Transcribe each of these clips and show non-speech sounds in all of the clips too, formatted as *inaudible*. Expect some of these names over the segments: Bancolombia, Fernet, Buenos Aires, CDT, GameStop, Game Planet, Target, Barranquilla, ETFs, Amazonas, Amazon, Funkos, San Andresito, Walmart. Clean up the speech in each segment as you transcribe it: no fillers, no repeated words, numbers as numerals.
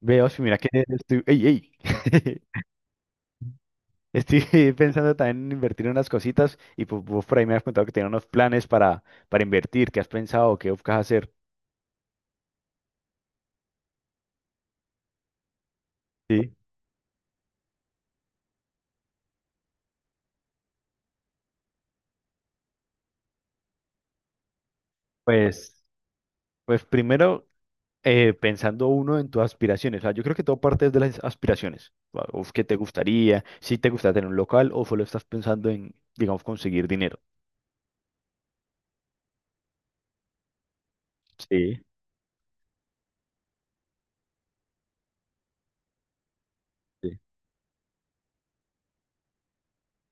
Veo, si mira que estoy, ey, ey. *laughs* Estoy pensando también en invertir en unas cositas y pues vos por ahí me has contado que tenías unos planes para invertir. ¿Qué has pensado, qué buscas hacer? Sí. Pues, pues primero pensando uno en tus aspiraciones. O sea, yo creo que todo parte es de las aspiraciones, o qué te gustaría, si te gusta tener un local o solo estás pensando en, digamos, conseguir dinero. Sí. Sí.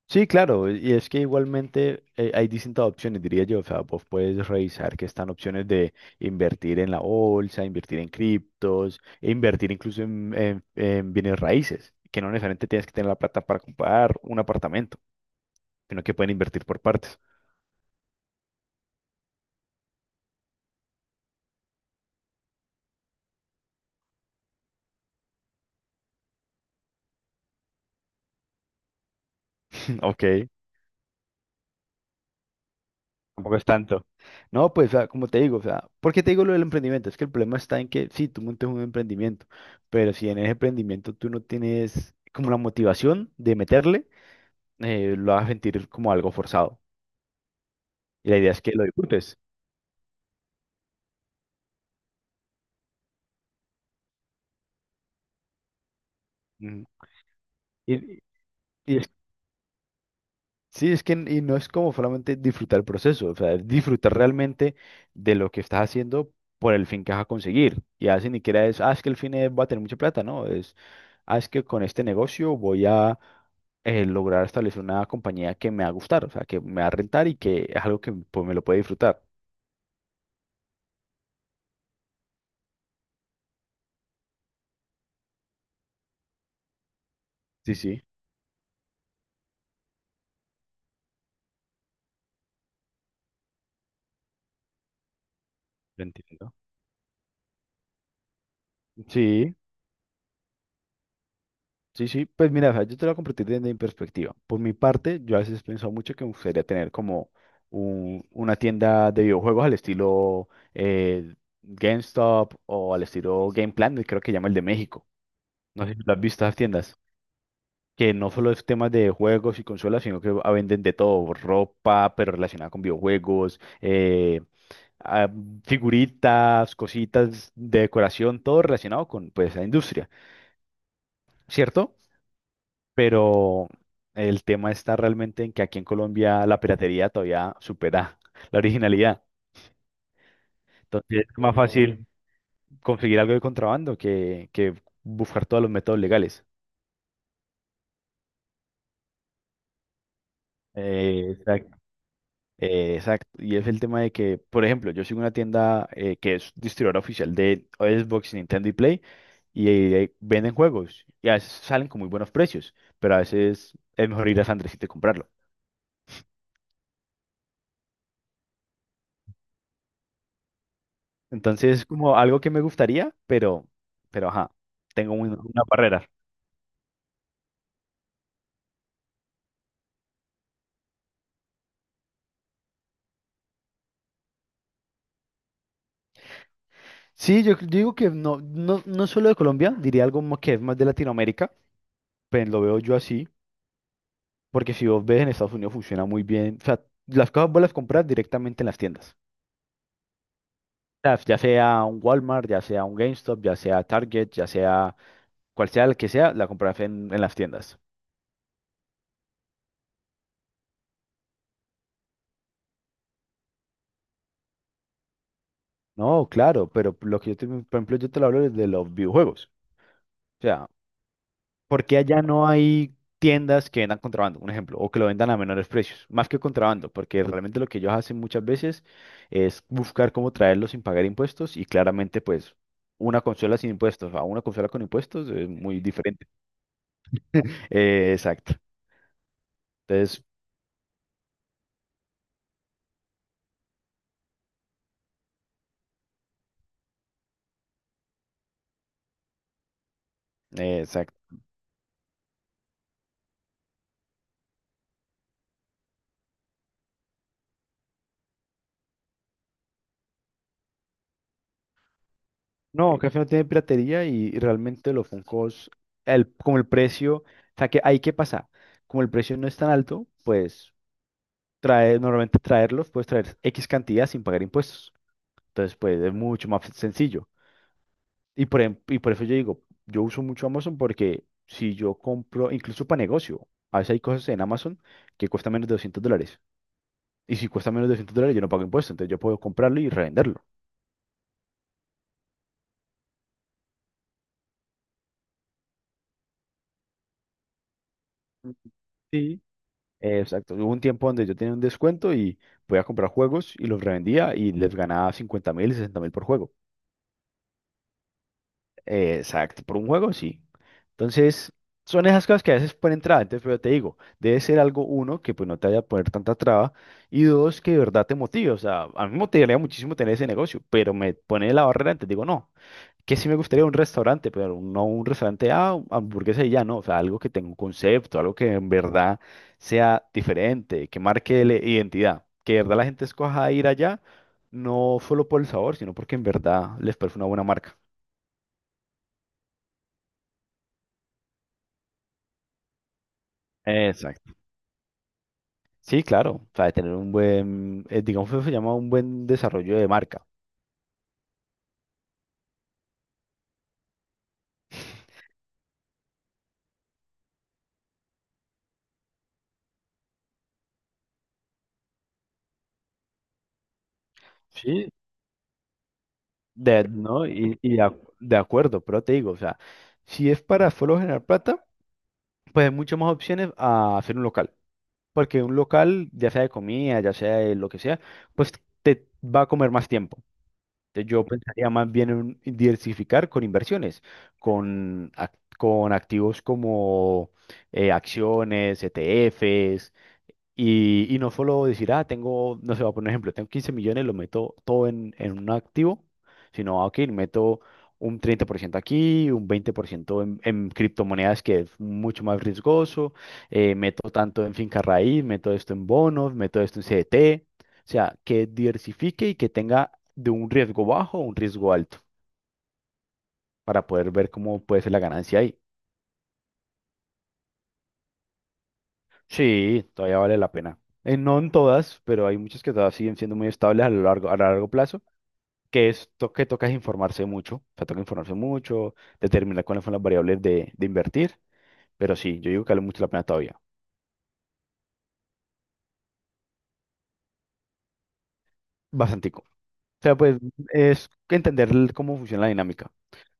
Sí, claro, y es que igualmente hay distintas opciones, diría yo. O sea, vos puedes revisar que están opciones de invertir en la bolsa, invertir en criptos, e invertir incluso en, en bienes raíces, que no necesariamente tienes que tener la plata para comprar un apartamento, sino que pueden invertir por partes. *laughs* Ok, tampoco es tanto. No, pues, o sea, como te digo, o sea, ¿por qué te digo lo del emprendimiento? Es que el problema está en que sí, tú montes un emprendimiento, pero si en ese emprendimiento tú no tienes como la motivación de meterle lo vas a sentir como algo forzado. Y la idea es que lo disfrutes. Ujú. Y, y es- sí, es que y no es como solamente disfrutar el proceso. O sea, es disfrutar realmente de lo que estás haciendo por el fin que vas a conseguir. Y a veces ni siquiera es, ah, es que el fin es, va a tener mucha plata, no, es, ah, es que con este negocio voy a lograr establecer una compañía que me va a gustar. O sea, que me va a rentar y que es algo que pues, me lo puede disfrutar. Sí, sí, lo entiendo. Sí. Sí, sí, pues mira, o sea, yo te lo voy a compartir desde mi perspectiva. Por mi parte, yo a veces he pensado mucho que me gustaría tener como una tienda de videojuegos al estilo eh, GameStop o al estilo Game Planet, creo que llama el de México. No sé si lo has visto esas tiendas, que no solo es temas de juegos y consolas, sino que ah, venden de todo, ropa, pero relacionada con videojuegos, ah, figuritas, cositas de decoración, todo relacionado con pues, la industria, ¿cierto? Pero el tema está realmente en que aquí en Colombia la piratería todavía supera *laughs* la originalidad. Entonces es más fácil conseguir algo de contrabando que buscar todos los métodos legales. Exacto. Exacto. Y es el tema de que, por ejemplo, yo sigo una tienda que es distribuidora oficial de Xbox, Nintendo y Play, y venden juegos, y a veces salen con muy buenos precios, pero a veces es mejor ir a San Andresito y comprarlo. Entonces, como algo que me gustaría, pero ajá, tengo una barrera. Sí, yo digo que no, no, no solo de Colombia, diría que es más de Latinoamérica, pues lo veo yo así, porque si vos ves en Estados Unidos funciona muy bien. O sea, las cosas vos las compras directamente en las tiendas. O sea, ya sea un Walmart, ya sea un GameStop, ya sea Target, ya sea cual sea el que sea, la compras en las tiendas. No, claro, pero lo que yo te, por ejemplo, yo te lo hablo desde los videojuegos, o sea, porque allá no hay tiendas que vendan contrabando, un ejemplo, o que lo vendan a menores precios, más que contrabando, porque realmente lo que ellos hacen muchas veces es buscar cómo traerlos sin pagar impuestos y claramente pues una consola sin impuestos a una consola con impuestos es muy diferente. Exacto. Entonces, exacto. No, café no tiene piratería y realmente los Funkos, el, como el precio, o sea, que ahí qué pasa, como el precio no es tan alto, pues trae, normalmente traerlos, puedes traer X cantidad sin pagar impuestos. Entonces, pues es mucho más sencillo. Y por, y por eso yo digo, yo uso mucho Amazon porque si yo compro, incluso para negocio, a veces hay cosas en Amazon que cuestan menos de $200. Y si cuesta menos de $200, yo no pago impuestos. Entonces yo puedo comprarlo y revenderlo. Sí. Exacto. Hubo un tiempo donde yo tenía un descuento y podía comprar juegos y los revendía y les ganaba 50.000, 60.000 por juego. Exacto, por un juego sí. Entonces, son esas cosas que a veces ponen traba. Entonces, pero te digo, debe ser algo, uno, que pues no te vaya a poner tanta traba, y dos, que de verdad te motive. O sea, a mí me motivaría muchísimo tener ese negocio, pero me pone la barrera antes. Digo, no, que sí me gustaría un restaurante, pero no un restaurante, ah, hamburguesa y ya, no. O sea, algo que tenga un concepto, algo que en verdad sea diferente, que marque la identidad, que de verdad la gente escoja ir allá, no solo por el sabor, sino porque en verdad les parece una buena marca. Exacto. Sí, claro, o sea, de tener un buen, digamos que se llama un buen desarrollo de marca. Sí. De, ¿no? Y de, de acuerdo, pero te digo, o sea, si es para solo generar plata, pues hay muchas más opciones a hacer un local. Porque un local, ya sea de comida, ya sea de lo que sea, pues te va a comer más tiempo. Entonces yo pensaría más bien en diversificar con inversiones, con, con activos como acciones, ETFs, y no solo decir, ah, tengo, no sé, voy a poner un ejemplo, tengo 15 millones, lo meto todo en un activo, sino, ah, ok, meto un 30% aquí, un 20% en criptomonedas, que es mucho más riesgoso. Meto tanto en finca raíz, meto esto en bonos, meto esto en CDT. O sea, que diversifique y que tenga de un riesgo bajo a un riesgo alto, para poder ver cómo puede ser la ganancia ahí. Sí, todavía vale la pena. No en todas, pero hay muchas que todavía siguen siendo muy estables a lo largo, a largo plazo, que es que toca es informarse mucho. O sea, toca informarse mucho, determinar cuáles son las variables de invertir, pero sí, yo digo que vale mucho la pena todavía, bastantico. O sea, pues es que entender cómo funciona la dinámica.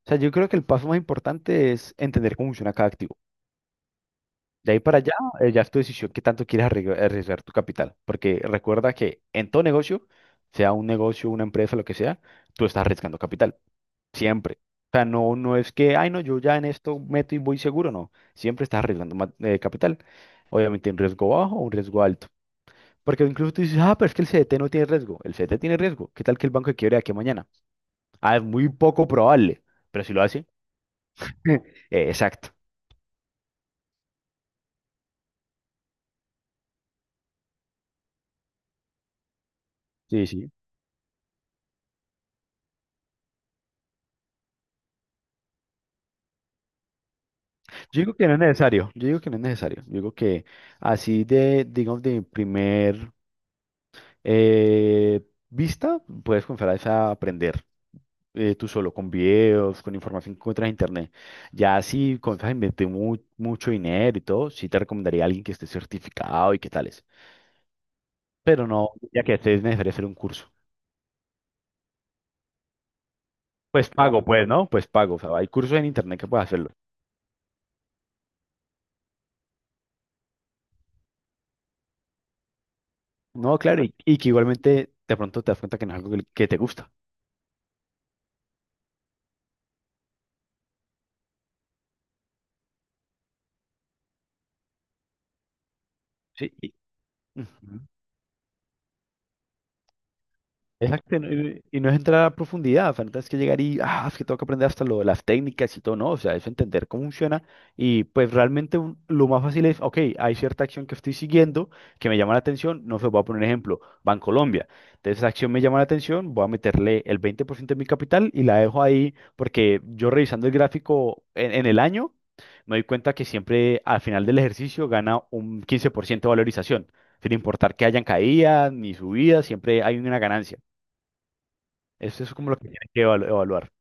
O sea, yo creo que el paso más importante es entender cómo funciona cada activo. De ahí para allá, ya es tu decisión qué tanto quieres arriesgar tu capital, porque recuerda que en todo negocio, sea un negocio, una empresa, lo que sea, tú estás arriesgando capital. Siempre. O sea, no, no es que, ay, no, yo ya en esto meto y voy seguro, no. Siempre estás arriesgando capital. Obviamente, un riesgo bajo o un riesgo alto. Porque incluso tú dices, ah, pero es que el CDT no tiene riesgo. El CDT tiene riesgo. ¿Qué tal que el banco quiebre de aquí a mañana? Ah, es muy poco probable. Pero si lo hace, *laughs* exacto. Sí, sí. Yo digo que no es necesario. Yo digo que no es necesario. Yo digo que así de, digamos, de mi primer Eh, vista, puedes comenzar a aprender tú solo, con videos, con información que encuentras en internet. Ya si comienzas a invertir mucho dinero y todo, sí te recomendaría a alguien que esté certificado y qué tales. Pero no, ya que este es necesario hacer un curso. Pues pago, pues, ¿no? Pues pago. O sea, hay cursos en internet que puedes hacerlo. No, claro, y que igualmente de pronto te das cuenta que no es algo que te gusta. Sí, ujú. Exacto, y no es entrar a profundidad, falta es que llegar y, ah, es que tengo que aprender hasta lo, de las técnicas y todo, no, o sea, es entender cómo funciona, y pues realmente lo más fácil es, ok, hay cierta acción que estoy siguiendo que me llama la atención, no sé, voy a poner un ejemplo, Bancolombia, entonces esa acción me llama la atención, voy a meterle el 20% de mi capital y la dejo ahí porque yo revisando el gráfico en el año, me doy cuenta que siempre al final del ejercicio gana un 15% de valorización, sin importar que hayan caídas ni subidas, siempre hay una ganancia. Eso es como lo que tienes que evaluar.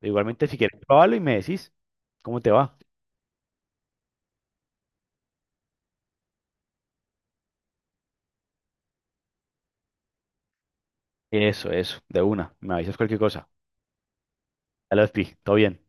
Igualmente, si quieres, pruébalo y me decís cómo te va. Eso, de una. Me avisas cualquier cosa. Dale, Pi, todo bien.